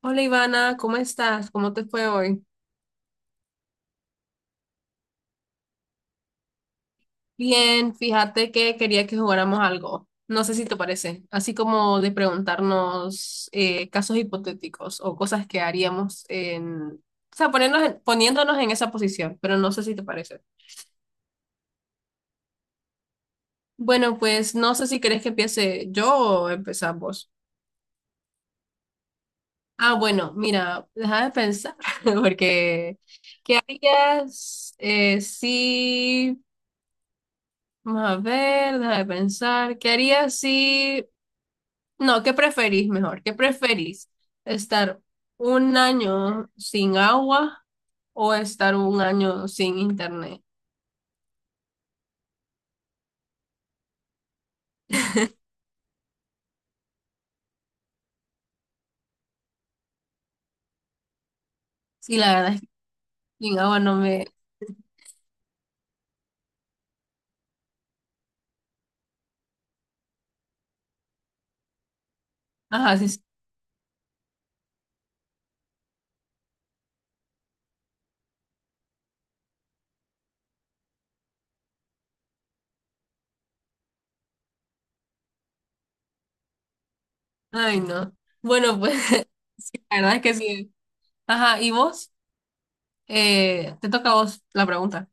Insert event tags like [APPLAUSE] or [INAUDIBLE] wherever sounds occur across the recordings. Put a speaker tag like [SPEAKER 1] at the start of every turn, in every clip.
[SPEAKER 1] Hola Ivana, ¿cómo estás? ¿Cómo te fue hoy? Bien, fíjate que quería que jugáramos algo. No sé si te parece, así como de preguntarnos casos hipotéticos o cosas que haríamos en, o sea, poniéndonos en esa posición, pero no sé si te parece. Bueno, pues no sé si querés que empiece yo o empezamos vos. Ah, bueno, mira, déjame pensar, [LAUGHS] porque ¿qué harías si... Vamos a ver, déjame pensar. ¿Qué harías si No, ¿qué preferís mejor? ¿Qué preferís? ¿Estar un año sin agua o estar un año sin internet? [LAUGHS] Sí, la verdad es que sin agua no me... Ajá, sí, sí. Ay, no. Bueno, pues [LAUGHS] sí, la verdad es que sí. Ajá, ¿y vos? Te toca a vos la pregunta.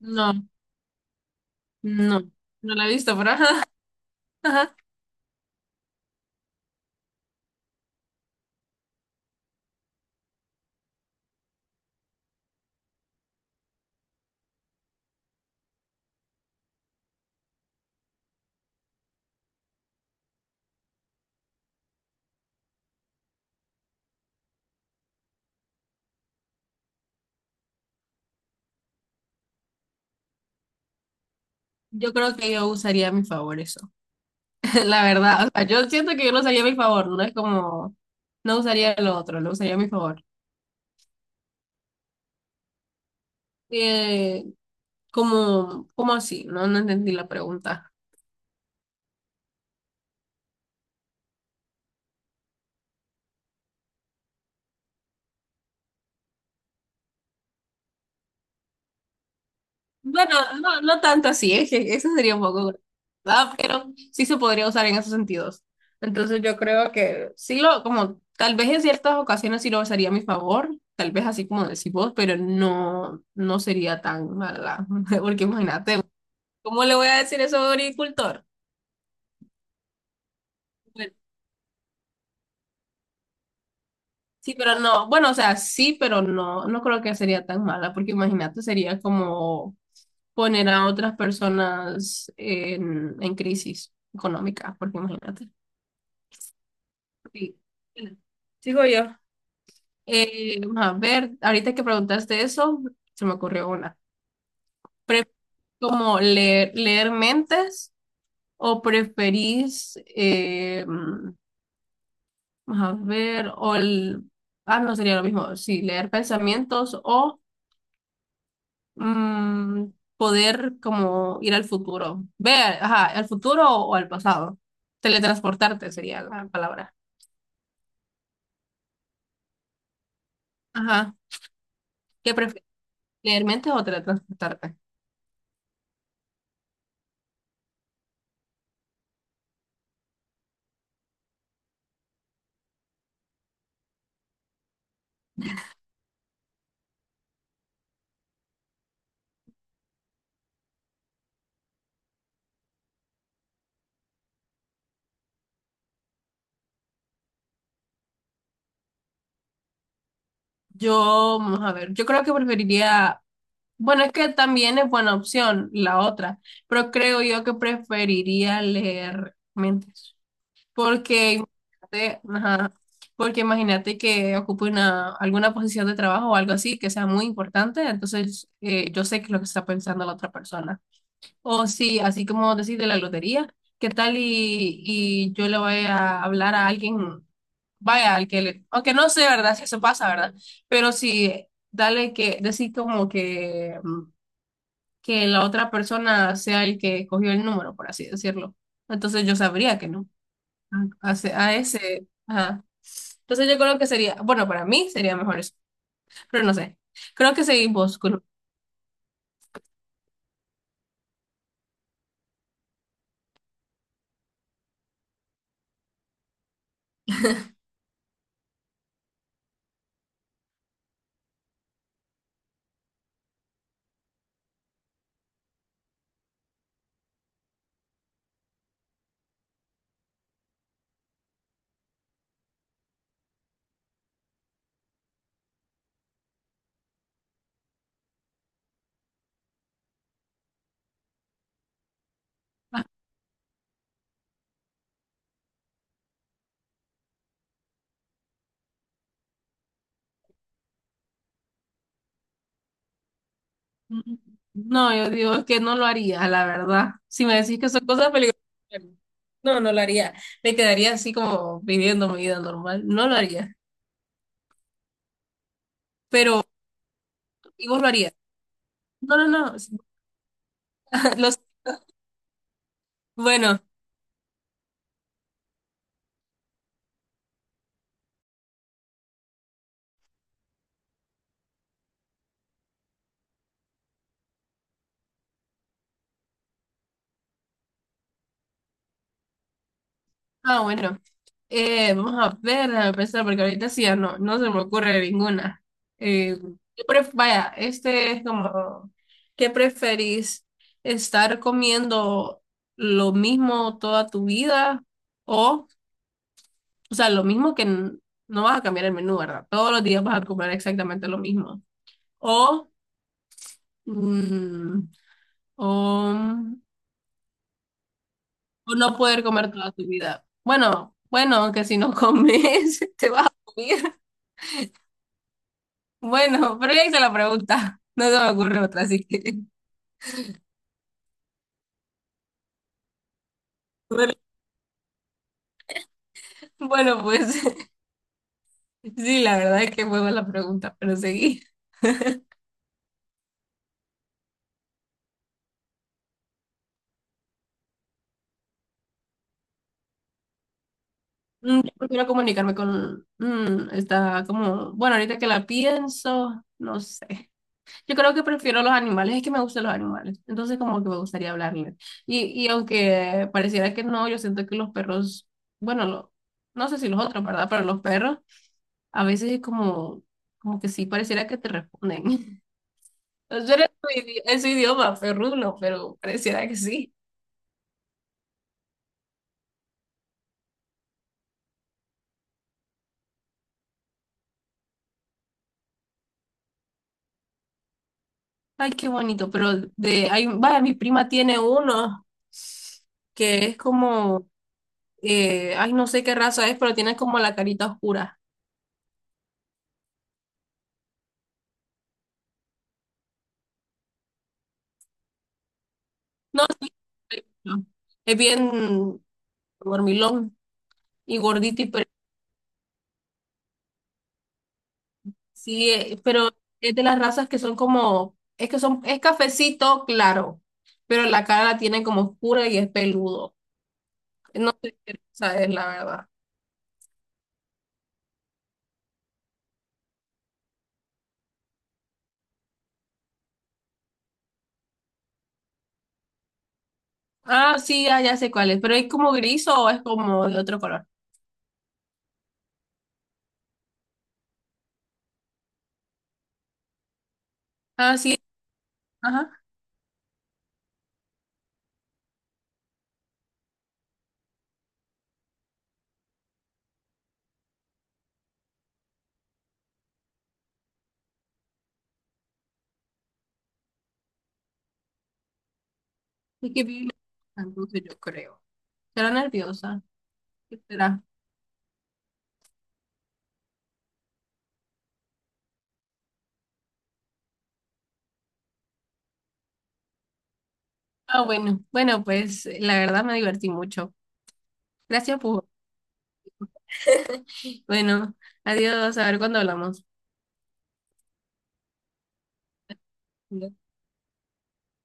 [SPEAKER 1] No, no, no la he visto, pero ajá, ajá. Yo creo que yo usaría a mi favor eso. [LAUGHS] La verdad, o sea, yo siento que yo lo usaría a mi favor, no es como... No usaría lo otro, lo usaría a mi favor. Eh, ¿Cómo, cómo así? No, no entendí la pregunta. Bueno, no, no tanto así, es que eso sería un poco grave, ¿verdad? Pero sí se podría usar en esos sentidos. Entonces yo creo que sí lo, como tal vez en ciertas ocasiones sí lo usaría a mi favor, tal vez así como decís vos, pero no, no sería tan mala, [LAUGHS] porque imagínate, ¿cómo le voy a decir eso a un agricultor? Bueno, sí, pero no, bueno, o sea, sí, pero no, no creo que sería tan mala, porque imagínate, sería como poner a otras personas en crisis económica, porque imagínate. Sí. Sigo yo. Vamos a ver, ahorita que preguntaste eso, se me ocurrió una. Pre- ¿Como leer mentes o preferís, vamos a ver, o el- ah, no sería lo mismo, sí, leer pensamientos o mm, poder como ir al futuro. Ver, ajá, al futuro o al pasado. Teletransportarte sería la palabra. Ajá. ¿Qué prefieres? ¿Leer mentes o teletransportarte? Yo, vamos a ver, yo creo que preferiría, bueno, es que también es buena opción la otra, pero creo yo que preferiría leer mentes. Porque imagínate, ajá, porque imagínate que ocupe una, alguna posición de trabajo o algo así que sea muy importante, entonces yo sé que es lo que está pensando la otra persona. O sí, así como decir de la lotería, ¿qué tal y yo le voy a hablar a alguien, vaya, al que le, aunque no sé, ¿verdad? Si eso pasa, ¿verdad? Pero sí, dale que, decir como que, que la otra persona sea el que cogió el número, por así decirlo. Entonces yo sabría que no. Ah, a ese, ajá. Entonces yo creo que sería, bueno, para mí sería mejor eso, pero no sé. Creo que seguimos con... No, yo digo que no lo haría, la verdad. Si me decís que son cosas peligrosas, no, no lo haría. Me quedaría así como viviendo mi vida normal. No lo haría. Pero, ¿y vos lo harías? No, no, no. [LAUGHS] Los, bueno, ah, bueno. Vamos a ver, a pensar, porque ahorita sí, ya no, no se me ocurre ninguna. Eh, vaya, este es como, ¿qué preferís? ¿Estar comiendo lo mismo toda tu vida? O, o sea, lo mismo no vas a cambiar el menú, ¿verdad? Todos los días vas a comer exactamente lo mismo. O, mm, o, o no poder comer toda tu vida. Bueno, bueno, aunque si no comes, [LAUGHS] te vas a morir. Bueno, pero ya hice la pregunta. [LAUGHS] No se me ocurre otra, así que. [LAUGHS] Bueno, bueno, pues [LAUGHS] sí, la verdad es que fue la pregunta, pero seguí. Mm, yo prefiero comunicarme con, está como. Bueno, ahorita que la pienso, no sé. Yo creo que prefiero los animales, es que me gustan los animales. Entonces, como que me gustaría hablarles. Y aunque pareciera que no, yo siento que los perros. Bueno, lo- no sé si los otros, ¿verdad? Pero los perros, a veces es como. Como que sí, pareciera que te responden. [LAUGHS] No era su, es su idioma, perruno, pero pareciera que sí. Ay, qué bonito, pero de, hay, vaya, mi prima tiene uno que es como, ay, no sé qué raza es, pero tiene como la carita oscura. No, sí, no, es bien dormilón y gordito, y pero sí, pero es de las razas que son como, es que son, es cafecito claro, pero la cara la tiene como oscura y es peludo. No sé qué raza es, la verdad. Ah, sí, ah, ya sé cuál es, pero ¿es como gris o es como de otro color? Ah, sí, ajá, es que vi la yo creo. Será nerviosa, ¿qué será? Ah, bueno, bueno, pues la verdad me divertí mucho. Gracias, Pujo. [LAUGHS] Bueno, adiós, a ver cuándo hablamos.